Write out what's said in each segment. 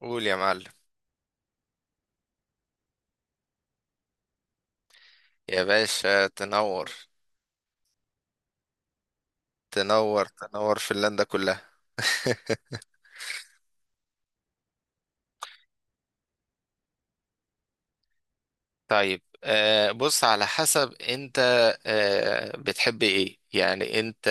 قول يا معلم. يا باشا تنور، تنور فنلندا كلها. طيب بص على حسب انت. بتحب ايه يعني انت؟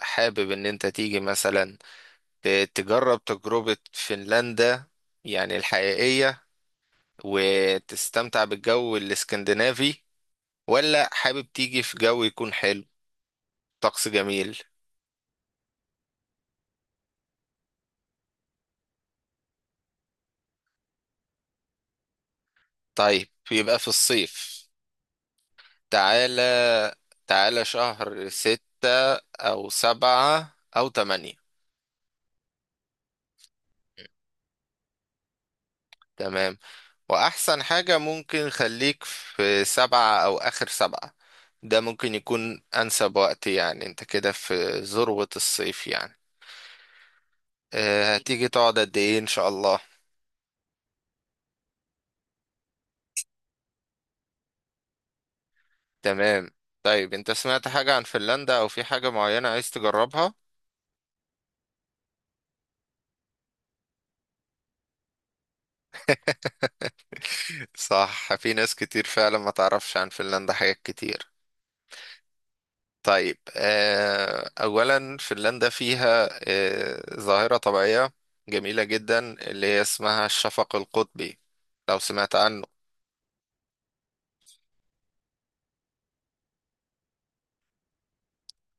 حابب ان انت تيجي مثلا تجرب تجربة فنلندا يعني الحقيقية، وتستمتع بالجو الاسكندنافي، ولا حابب تيجي في جو يكون حلو، طقس جميل؟ طيب يبقى في الصيف. تعالى، تعالى شهر ستة أو سبعة أو تمانية. تمام. وأحسن حاجة ممكن خليك في سبعة أو آخر سبعة. ده ممكن يكون أنسب وقت، يعني أنت كده في ذروة الصيف يعني. أه، هتيجي تقعد قد إيه إن شاء الله؟ تمام. طيب أنت سمعت حاجة عن فنلندا أو في حاجة معينة عايز تجربها؟ صح، في ناس كتير فعلا ما تعرفش عن فنلندا حاجات كتير. طيب أولا فنلندا فيها ظاهرة طبيعية جميلة جدا، اللي هي اسمها الشفق القطبي، لو سمعت عنه.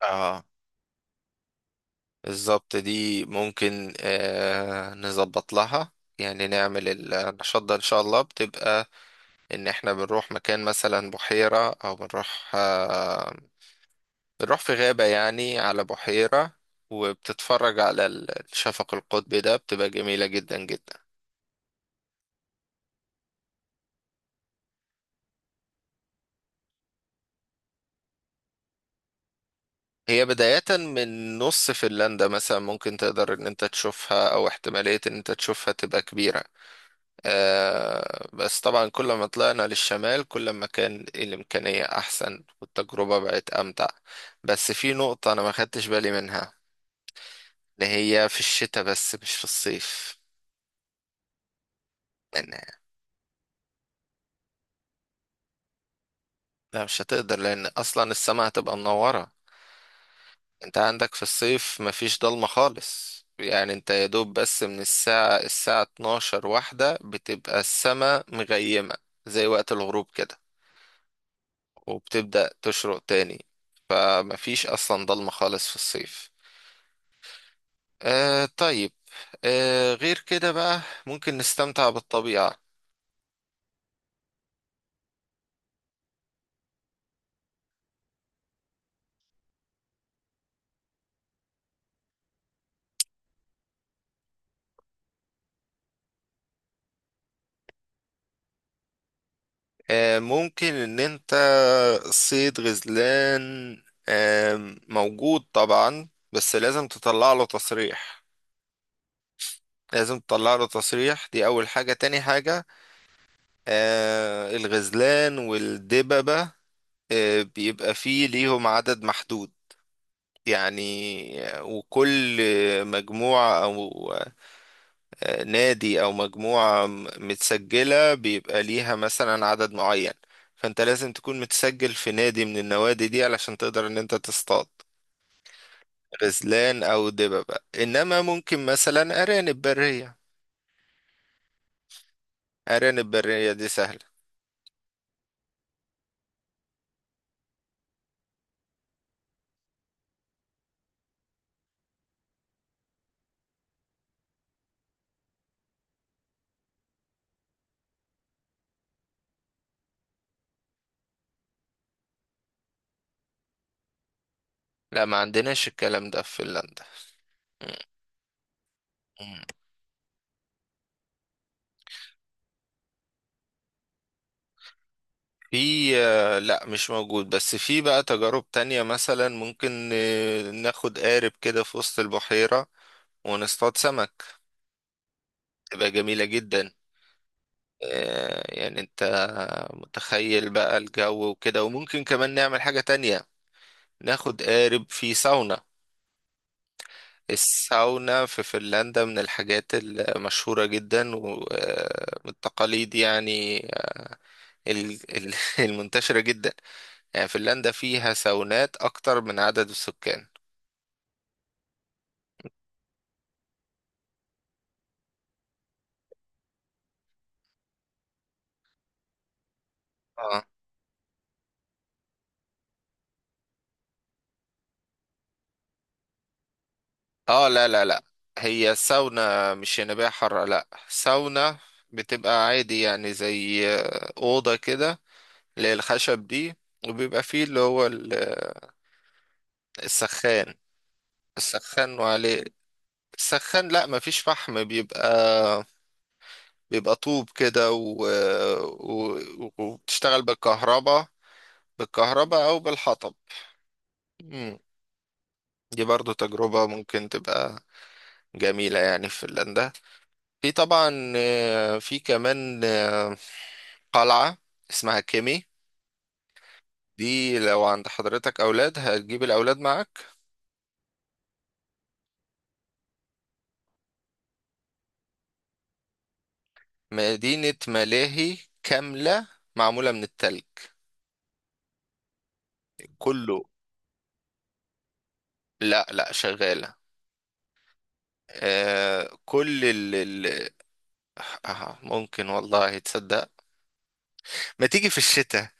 اه، بالظبط. دي ممكن نظبط لها، يعني نعمل النشاط ده إن شاء الله. بتبقى إن إحنا بنروح مكان مثلا بحيرة، أو بنروح بنروح في غابة يعني على بحيرة، وبتتفرج على الشفق القطبي ده. بتبقى جميلة جدا جدا. هي بداية من نص فنلندا مثلا ممكن تقدر ان انت تشوفها، او احتمالية ان انت تشوفها تبقى كبيرة. آه بس طبعا كل ما طلعنا للشمال كل ما كان الامكانية احسن والتجربة بقت امتع. بس في نقطة انا ما خدتش بالي منها، اللي هي في الشتاء بس مش في الصيف. لان لا، مش هتقدر لان اصلا السماء هتبقى منورة. انت عندك في الصيف مفيش ضلمة خالص، يعني انت يا دوب بس من الساعة 12 واحدة بتبقى السماء مغيمة، زي وقت الغروب كده، وبتبدأ تشرق تاني. فمفيش أصلا ضلمة خالص في الصيف. آه طيب، آه غير كده بقى ممكن نستمتع بالطبيعة. آه ممكن ان انت صيد غزلان، موجود طبعا، بس لازم تطلع له تصريح. لازم تطلع له تصريح، دي أول حاجة. تاني حاجة، الغزلان والدببة بيبقى فيه ليهم عدد محدود، يعني وكل مجموعة أو نادي أو مجموعة متسجلة بيبقى ليها مثلا عدد معين. فأنت لازم تكون متسجل في نادي من النوادي دي علشان تقدر إن أنت تصطاد غزلان أو دببة. إنما ممكن مثلا أرانب برية، أرانب برية دي سهلة. لا، ما عندناش الكلام ده في فنلندا. مم. في لا مش موجود، بس في بقى تجارب تانية. مثلا ممكن ناخد قارب كده في وسط البحيرة ونصطاد سمك، تبقى جميلة جدا. يعني انت متخيل بقى الجو وكده. وممكن كمان نعمل حاجة تانية، ناخد قارب في ساونا. الساونا في فنلندا من الحاجات المشهورة جدا، ومن التقاليد يعني، ال- ال- المنتشرة جدا. يعني فنلندا فيها ساونات اكتر من عدد السكان. اه اه، لا لا لا، هي الساونا مش ينابيع حارة، لا ساونا. بتبقى عادي يعني زي أوضة كده اللي هي الخشب دي، وبيبقى فيه اللي هو السخان، السخان وعليه. السخان، لا مفيش فحم، بيبقى بيبقى طوب كده و... وبتشتغل بالكهرباء، بالكهرباء أو بالحطب. مم. دي برضو تجربة ممكن تبقى جميلة يعني في فنلندا. في طبعا في كمان قلعة اسمها كيمي. دي لو عند حضرتك أولاد هتجيب الأولاد معاك. مدينة ملاهي كاملة معمولة من التلج كله. لا لا، شغالة. آه كل آه ممكن والله تصدق ما تيجي في الشتاء.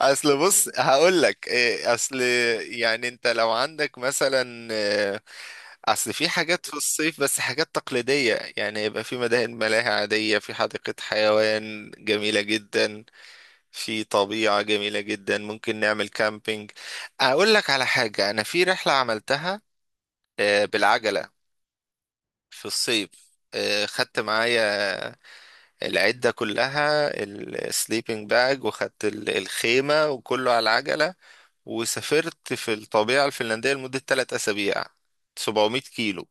اصل بص هقول لك إيه، اصل يعني انت لو عندك مثلا اصل في حاجات في الصيف بس حاجات تقليدية، يعني يبقى في مداهن ملاهي عادية، في حديقة حيوان جميلة جدا، في طبيعة جميلة جدا ممكن نعمل كامبينج. اقول لك على حاجة، انا في رحلة عملتها بالعجلة في الصيف. خدت معايا العدة كلها، السليبنج باج، وخدت الخيمة وكله على العجلة، وسافرت في الطبيعة الفنلندية لمدة 3 أسابيع، 700 كيلو.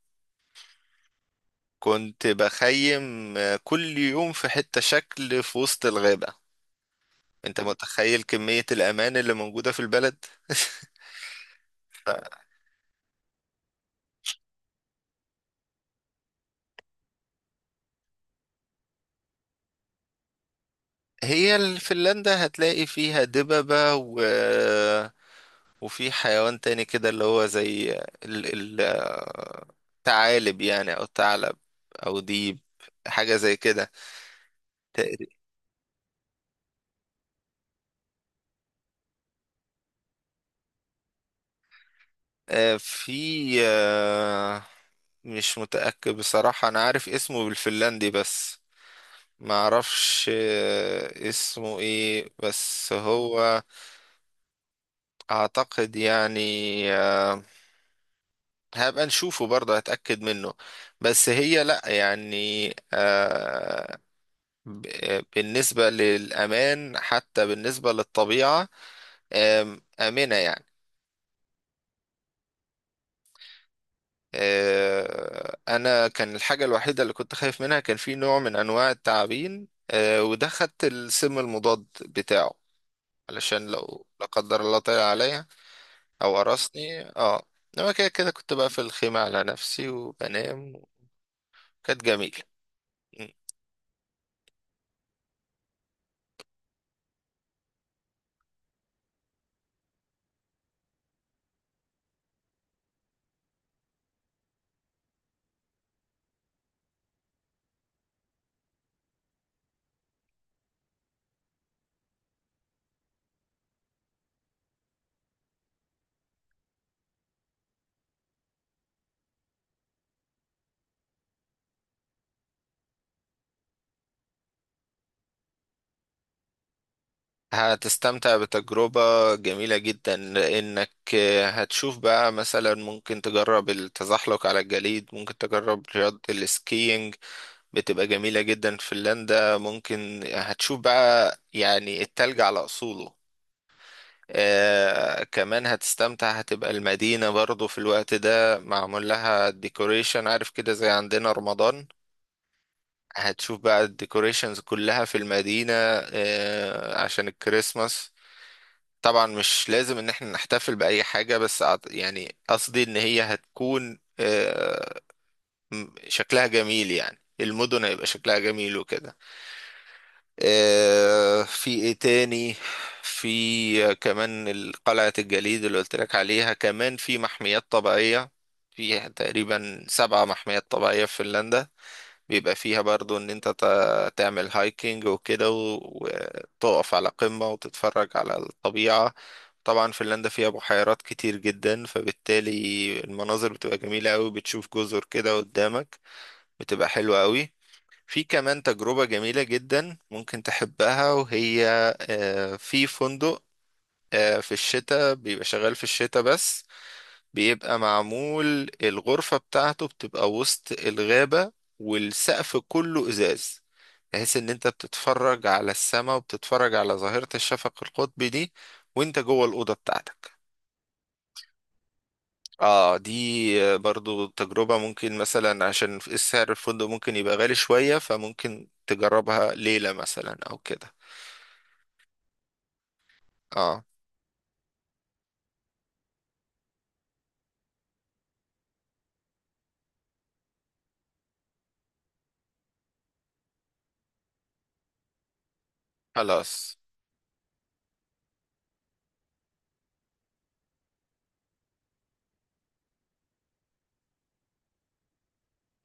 كنت بخيم كل يوم في حتة، شكل في وسط الغابة. انت متخيل كمية الأمان اللي موجودة في البلد؟ هي فنلندا هتلاقي فيها دببة و... آه، وفي حيوان تاني كده اللي هو زي ال... ال... آه، ثعالب يعني، أو ثعلب أو ديب، حاجة زي كده. في آه، مش متأكد بصراحة. أنا عارف اسمه بالفنلندي بس ما أعرفش اسمه إيه، بس هو أعتقد يعني آه، هبقى نشوفه برضه هتأكد منه. بس هي لأ يعني، بالنسبة للأمان حتى بالنسبة للطبيعة، آمنة يعني. انا كان الحاجه الوحيده اللي كنت خايف منها كان في نوع من انواع التعابين، وده خدت السم المضاد بتاعه علشان لو لا قدر الله طلع عليا او قرصني. اه، انما كده كنت بقى في الخيمه على نفسي وبنام، وكانت جميله. م. هتستمتع بتجربة جميلة جدا، لأنك هتشوف بقى مثلا ممكن تجرب التزحلق على الجليد، ممكن تجرب رياضة السكينج. بتبقى جميلة جدا فنلندا، ممكن هتشوف بقى يعني التلج على أصوله. آه كمان هتستمتع، هتبقى المدينة برضو في الوقت ده معمول لها ديكوريشن، عارف كده زي عندنا رمضان. هتشوف بقى الديكوريشنز كلها في المدينة آه عشان الكريسماس. طبعا مش لازم ان احنا نحتفل بأي حاجة، بس يعني قصدي ان هي هتكون آه شكلها جميل، يعني المدن هيبقى شكلها جميل وكده. في ايه تاني؟ في كمان قلعة الجليد اللي قلت لك عليها. كمان في محميات طبيعية، في تقريبا 7 محميات طبيعية في فنلندا، بيبقى فيها برضو ان انت تعمل هايكنج وكده، وتقف على قمة وتتفرج على الطبيعة. طبعا فنلندا فيها بحيرات كتير جدا، فبالتالي المناظر بتبقى جميلة قوي، بتشوف جزر كده قدامك، بتبقى حلوة قوي. في كمان تجربة جميلة جدا ممكن تحبها، وهي في فندق في الشتاء، بيبقى شغال في الشتاء بس، بيبقى معمول الغرفة بتاعته بتبقى وسط الغابة، والسقف كله إزاز، بحيث إن أنت بتتفرج على السماء وبتتفرج على ظاهرة الشفق القطبي دي وأنت جوه الأوضة بتاعتك. اه دي برضو تجربة ممكن مثلا عشان السعر الفندق ممكن يبقى غالي شوية، فممكن تجربها ليلة مثلا او كده. اه خلاص،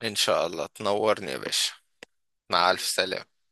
ان شاء الله تنورني يا باشا. مع الف سلامة.